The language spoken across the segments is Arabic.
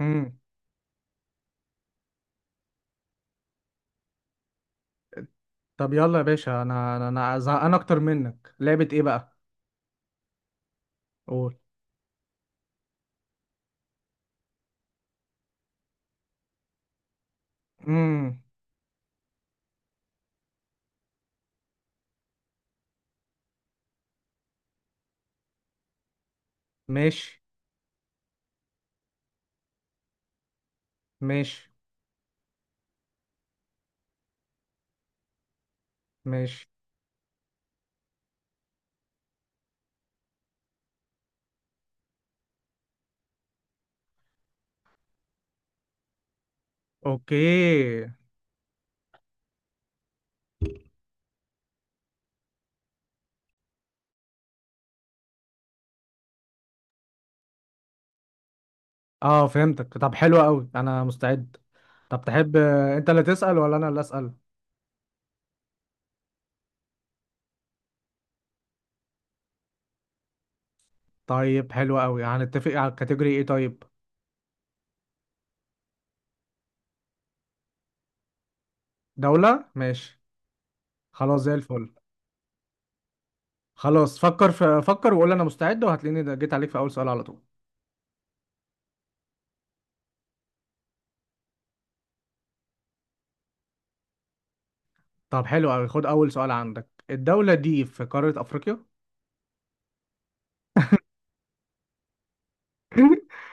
امم طب يلا يا باشا، انا زهقان اكتر منك. لعبة ايه بقى؟ قول. امم ماشي، ماشي، ماشي، اوكي. اه، فهمتك. طب حلو قوي، انا مستعد. طب تحب، انت اللي تسأل ولا انا اللي أسأل؟ طيب حلو قوي، هنتفق على الكاتيجوري ايه؟ طيب دولة، ماشي. خلاص زي الفل. خلاص فكر في فكر وقول انا مستعد، وهتلاقيني جيت عليك في اول سؤال على طول. طب حلو قوي، خد اول سؤال عندك. الدولة دي في قارة افريقيا؟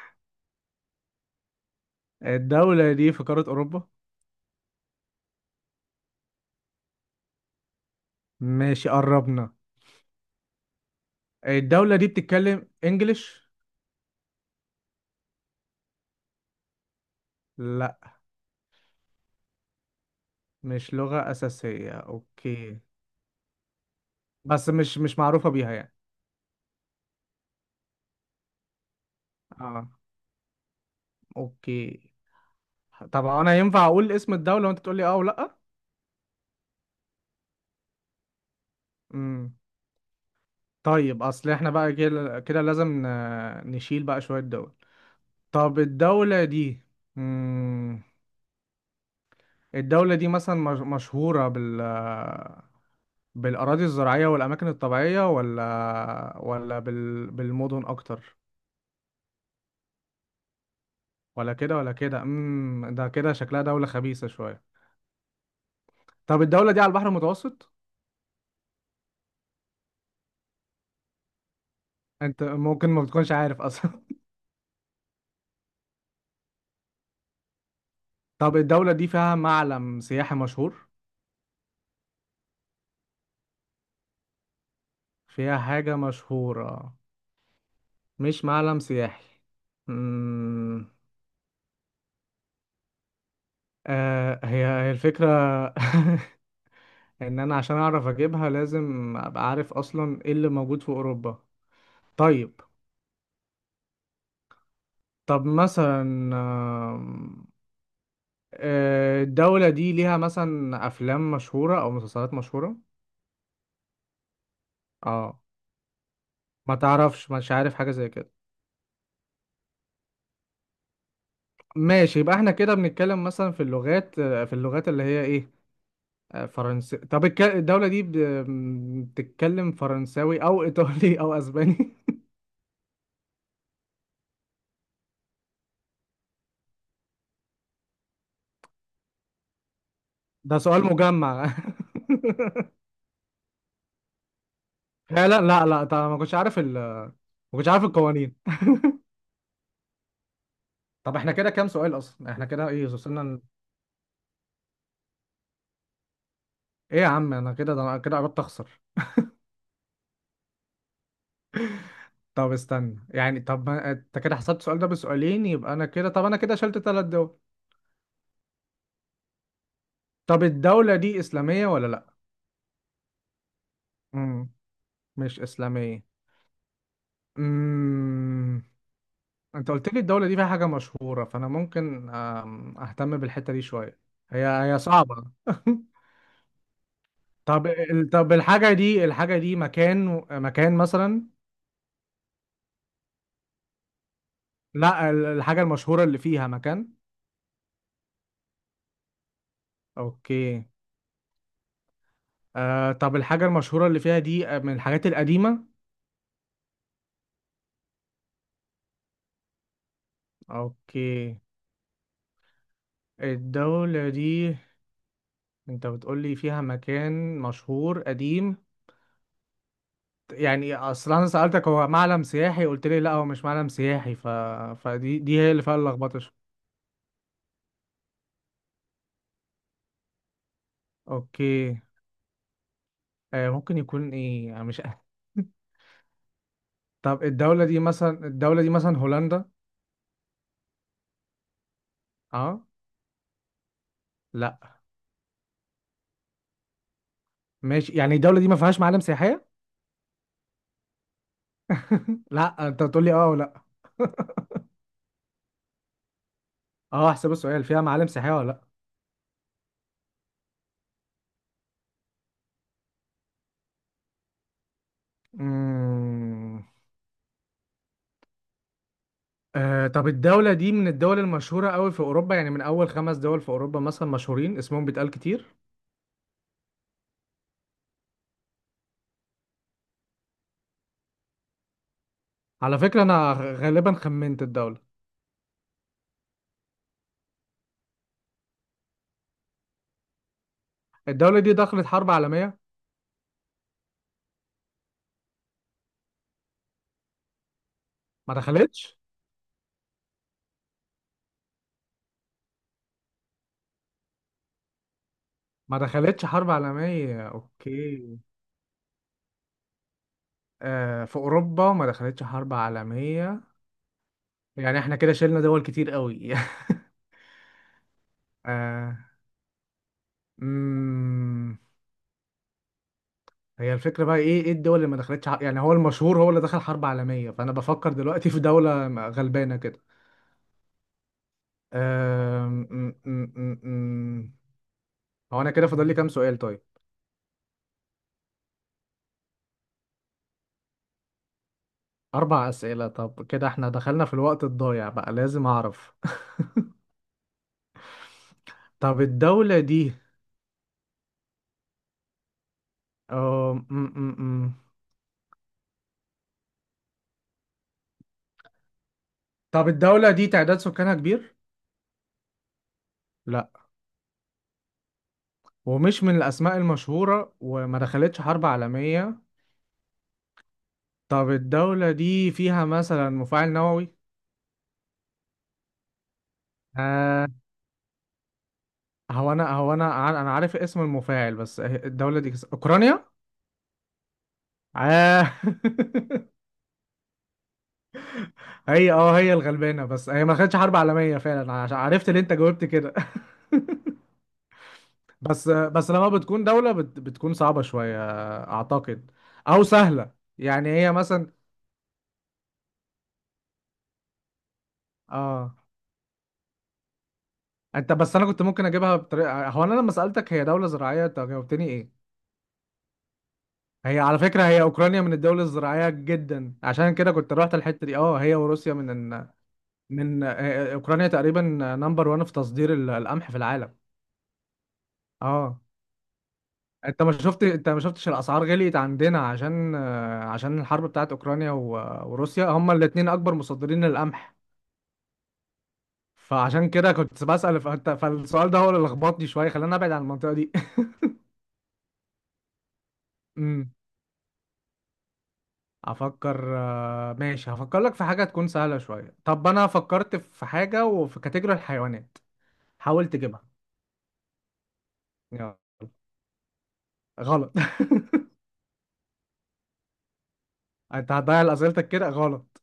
الدولة دي في قارة اوروبا. ماشي، قربنا. الدولة دي بتتكلم انجليش؟ لا، مش لغة أساسية، اوكي. بس مش معروفة بيها يعني. اه، اوكي. طب انا ينفع اقول اسم الدولة وانت تقول لي اه ولا لا؟ امم طيب، اصل احنا بقى كده كده لازم نشيل بقى شوية دول. طب الدولة دي، امم الدولة دي مثلا مشهورة بالأراضي الزراعية والأماكن الطبيعية ولا بالمدن أكتر؟ ولا كده ولا كده. ده كده شكلها دولة خبيثة شوية. طب الدولة دي على البحر المتوسط؟ انت ممكن ما بتكونش عارف اصلا. طب الدولة دي فيها معلم سياحي مشهور؟ فيها حاجة مشهورة مش معلم سياحي؟ امم هي الفكرة. انا عشان اعرف اجيبها لازم ابقى عارف اصلا ايه اللي موجود في اوروبا. طيب. مثلا، آم، الدولة دي ليها مثلا أفلام مشهورة أو مسلسلات مشهورة؟ اه، ما تعرفش مش عارف حاجة زي كده. ماشي، يبقى احنا كده بنتكلم مثلا في اللغات اللي هي ايه، فرنسي؟ طب الدولة دي بتتكلم فرنساوي او ايطالي او اسباني؟ ده سؤال مجمع. فعلا. لا، لا، طب ما كنتش عارف القوانين. طب احنا كده كام سؤال؟ اصلا احنا كده ايه، وصلنا ايه يا عم، انا كده قربت اخسر. طب استنى يعني، طب ما انت كده حسبت السؤال ده بسؤالين، يبقى انا كده شلت ثلاث دول. طب الدولة دي إسلامية ولا لأ؟ مم. مش إسلامية. مم. أنت قلت لي الدولة دي فيها حاجة مشهورة، فأنا ممكن، أهتم بالحتة دي شوية. هي هي صعبة. طب الحاجة دي مكان. مكان مثلا؟ لأ، الحاجة المشهورة اللي فيها مكان. أوكي. طب الحاجة المشهورة اللي فيها دي، من الحاجات القديمة؟ أوكي. الدولة دي أنت بتقولي فيها مكان مشهور قديم. يعني اصل انا سألتك هو معلم سياحي قلت لي لا، هو مش معلم سياحي فدي هي اللي فيها اللخبطة شوية. اوكي. ممكن يكون ايه، انا مش. طب الدولة دي مثلا هولندا؟ اه، لا؟ ماشي، يعني الدولة دي ما فيهاش معالم سياحية؟ لا، انت بتقول لي اه ولا لا. اه، احسب السؤال. فيها معالم سياحية ولا لا؟ امم طب الدولة دي من الدول المشهورة قوي في اوروبا؟ يعني من اول خمس دول في اوروبا مثلا مشهورين اسمهم بيتقال كتير. على فكرة انا غالبا خمنت الدولة. الدولة دي دخلت حرب عالمية؟ ما دخلتش ما دخلتش حرب عالمية، اوكي. في اوروبا ما دخلتش حرب عالمية. يعني احنا كده شلنا دول كتير قوي. آه مم. هي الفكرة بقى ايه، الدول اللي ما دخلتش يعني هو المشهور هو اللي دخل حرب عالمية، فانا بفكر دلوقتي في دولة غلبانة كده. آه مم، مم، مم، مم. هو انا كده فاضل لي كام سؤال طيب؟ اربع اسئلة. طب كده احنا دخلنا في الوقت الضايع بقى، لازم اعرف. طب الدولة دي، اه م- م- م. طب الدولة دي تعداد سكانها كبير؟ لا. ومش من الأسماء المشهورة وما دخلتش حرب عالمية. طب الدولة دي فيها مثلا مفاعل نووي؟ آه أنا عارف اسم المفاعل، بس الدولة دي أوكرانيا؟ آه هي الغلبانة، بس هي ما دخلتش حرب عالمية فعلا. عرفت اللي أنت جاوبت كده. بس لما بتكون دولة بتكون صعبة شوية، أعتقد. أو سهلة. يعني هي مثلا، اه انت بس انا كنت ممكن اجيبها بطريقه. هو انا لما سالتك هي دوله زراعيه انت جاوبتني ايه؟ هي على فكره، هي اوكرانيا من الدول الزراعيه جدا، عشان كده كنت رحت الحته دي. اه، هي وروسيا من من اوكرانيا تقريبا نمبر 1 في تصدير القمح في العالم. اه، انت ما شفتش الاسعار غليت عندنا عشان الحرب بتاعت اوكرانيا وروسيا هما الاثنين اكبر مصدرين للقمح. فعشان كده كنت بسأل. فالسؤال ده هو اللي لخبطني شويه، خلاني ابعد عن المنطقه دي. افكر، ماشي، هفكر لك في حاجه تكون سهله شويه. طب انا فكرت في حاجه، وفي كاتيجوري الحيوانات. حاول تجيبها. يلا. غلط. انت هتضيع اسئلتك كده غلط.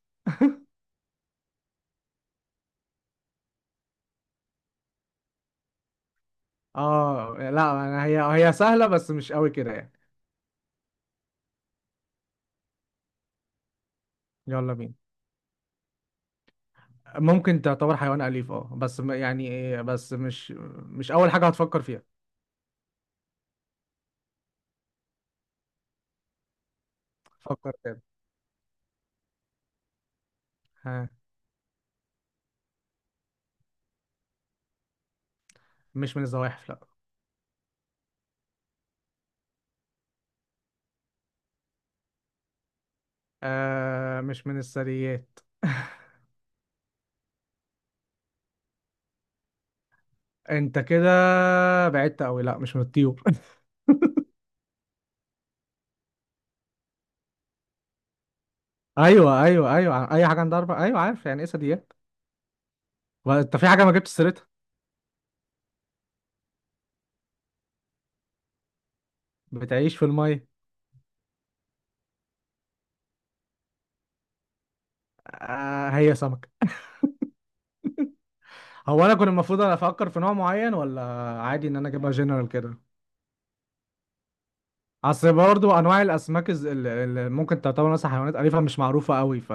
اه، لا أنا هي سهله بس مش قوي كده يعني. يلا بينا. ممكن تعتبر حيوان اليف، اه، بس يعني إيه، بس مش اول حاجه هتفكر فيها. فكر تاني. ها، مش من الزواحف، لا. مش من الثدييات. انت كده بعدت قوي، لا مش من الطيور. ايوه، ايوه، ايوه، اي حاجه عندها اربع. ايوه، عارف يعني ايه ثدييات. وانت في حاجه ما جبتش سيرتها. بتعيش في الميه. آه، هي سمكه. هو انا كنت المفروض انا افكر في نوع معين، ولا عادي ان انا اجيبها جنرال كده؟ اصل برضو انواع الاسماك، اللي ممكن تعتبر مثلا حيوانات اليفه مش معروفه قوي،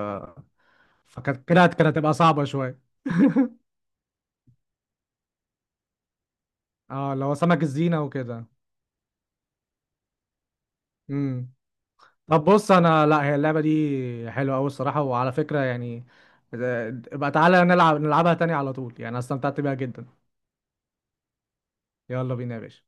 فكانت كده كانت هتبقى صعبه شويه. اه، اللي هو سمك الزينه وكده. امم طب بص، انا لا هي اللعبه دي حلوه قوي الصراحه، وعلى فكره يعني، بقى تعالى نلعبها تاني على طول، يعني أنا استمتعت بيها جدا. يلا بينا يا باشا.